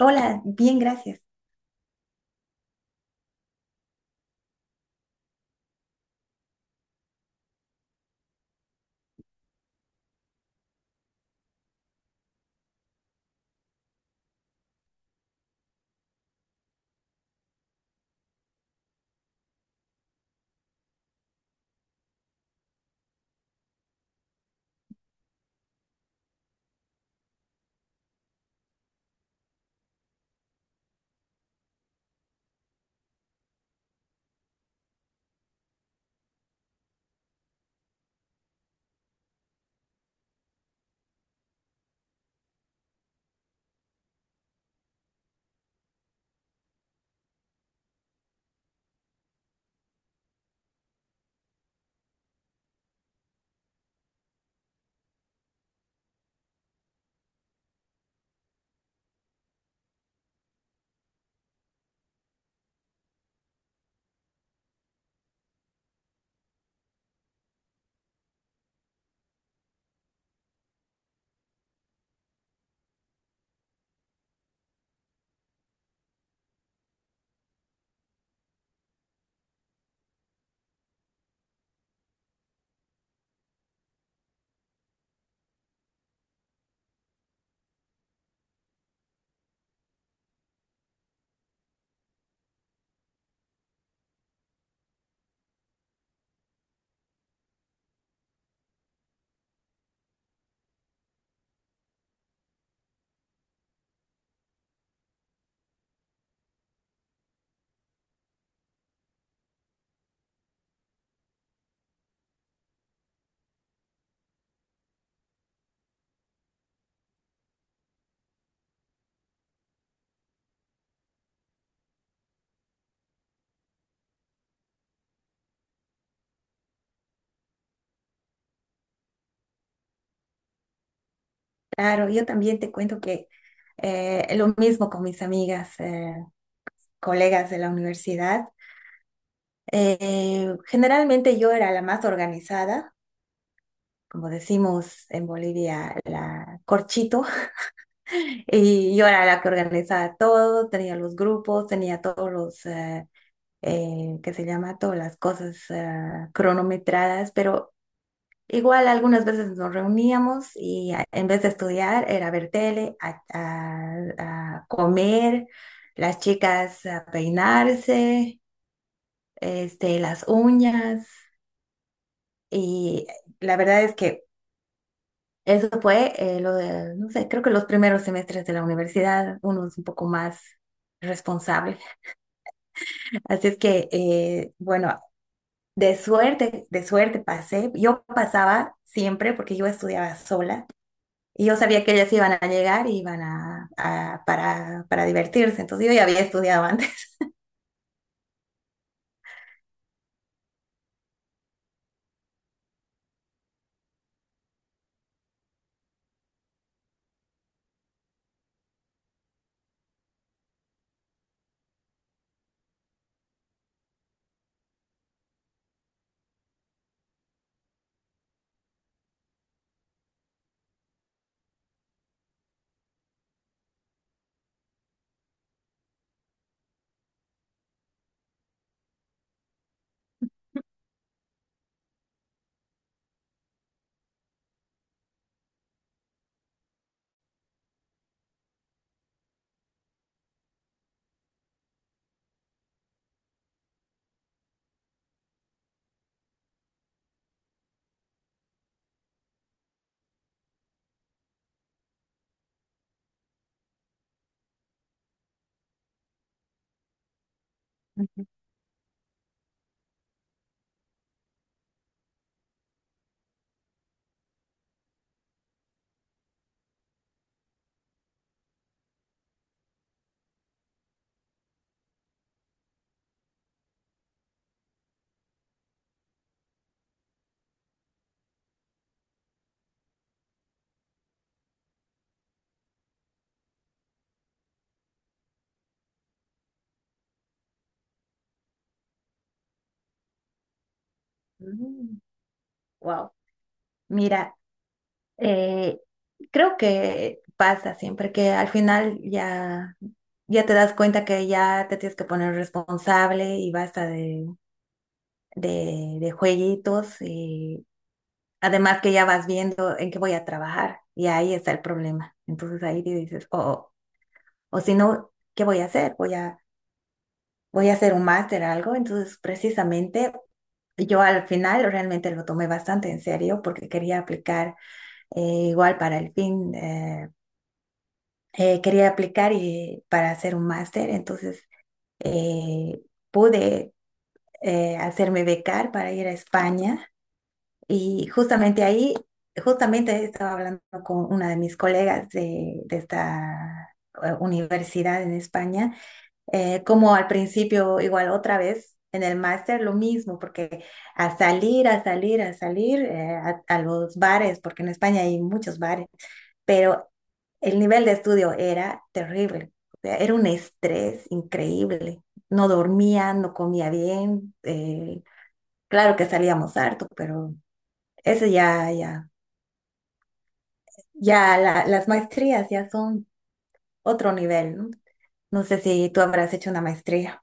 Hola, bien, gracias. Claro, yo también te cuento que lo mismo con mis amigas, colegas de la universidad. Generalmente yo era la más organizada, como decimos en Bolivia, la corchito. Y yo era la que organizaba todo, tenía los grupos, tenía todos los, ¿qué se llama? Todas las cosas cronometradas. Pero igual algunas veces nos reuníamos y en vez de estudiar era ver tele, a comer, las chicas a peinarse, las uñas. Y la verdad es que eso fue lo de, no sé, creo que los primeros semestres de la universidad, uno es un poco más responsable. Así es que, bueno, de suerte pasé. Yo pasaba siempre porque yo estudiaba sola. Y yo sabía que ellas iban a llegar y iban para divertirse. Entonces yo ya había estudiado antes. Wow. Mira, eh, creo que pasa siempre que al final ya, ya te das cuenta que ya te tienes que poner responsable y basta de, de jueguitos. Y además que ya vas viendo en qué voy a trabajar y ahí está el problema. Entonces ahí dices, oh, oh, o si no, ¿qué voy a hacer? Voy a voy a hacer un máster, algo. Entonces, precisamente, yo al final realmente lo tomé bastante en serio porque quería aplicar, eh, igual para el fin, quería aplicar y, para hacer un máster. Entonces, eh, pude hacerme becar para ir a España. Y justamente ahí, justamente estaba hablando con una de mis colegas de esta universidad en España. Como al principio, igual otra vez, en el máster lo mismo, porque a salir, a salir, a salir a los bares, porque en España hay muchos bares. Pero el nivel de estudio era terrible, o sea, era un estrés increíble. No dormía, no comía bien. Eh, claro que salíamos harto, pero eso ya, ya, ya las maestrías ya son otro nivel, ¿no? No sé si tú habrás hecho una maestría.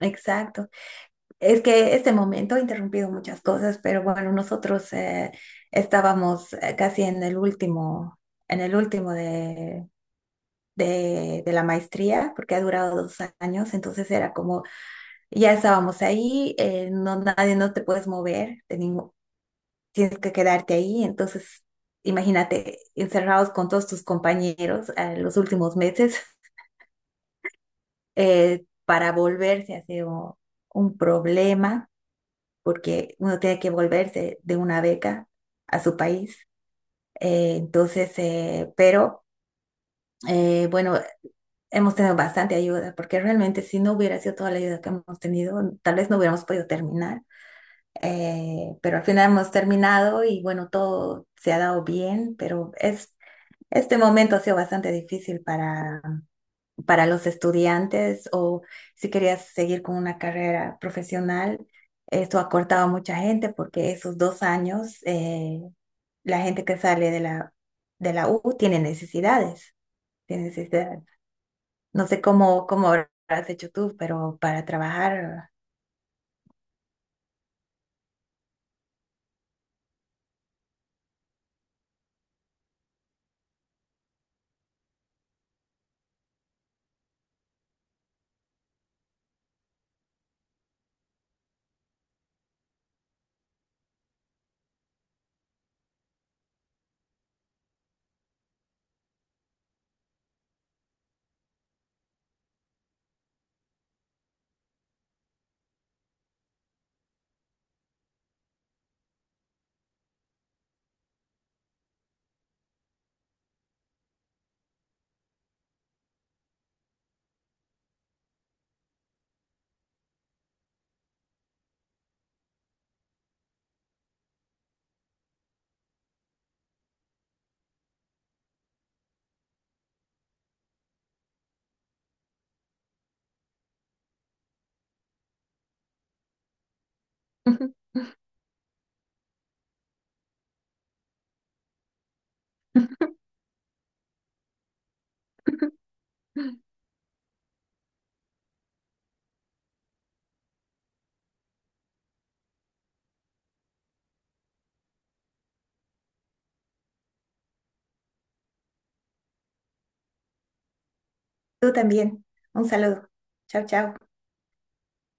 Exacto. Es que este momento ha interrumpido muchas cosas, pero bueno, nosotros estábamos casi en el último de, de la maestría, porque ha durado dos años. Entonces era como, ya estábamos ahí, no, nadie, no te puedes mover, tienes que quedarte ahí. Entonces imagínate, encerrados con todos tus compañeros los últimos meses. Para volverse ha sido un problema, porque uno tiene que volverse de una beca a su país. Entonces, bueno, hemos tenido bastante ayuda, porque realmente si no hubiera sido toda la ayuda que hemos tenido, tal vez no hubiéramos podido terminar. Pero al final hemos terminado y bueno, todo se ha dado bien. Pero es, este momento ha sido bastante difícil para los estudiantes. O si querías seguir con una carrera profesional, esto acortaba a mucha gente, porque esos dos años, la gente que sale de la U tiene necesidades, tiene necesidades. No sé cómo, cómo habrás hecho tú, pero para trabajar. Tú también. Un saludo. Chao, chao.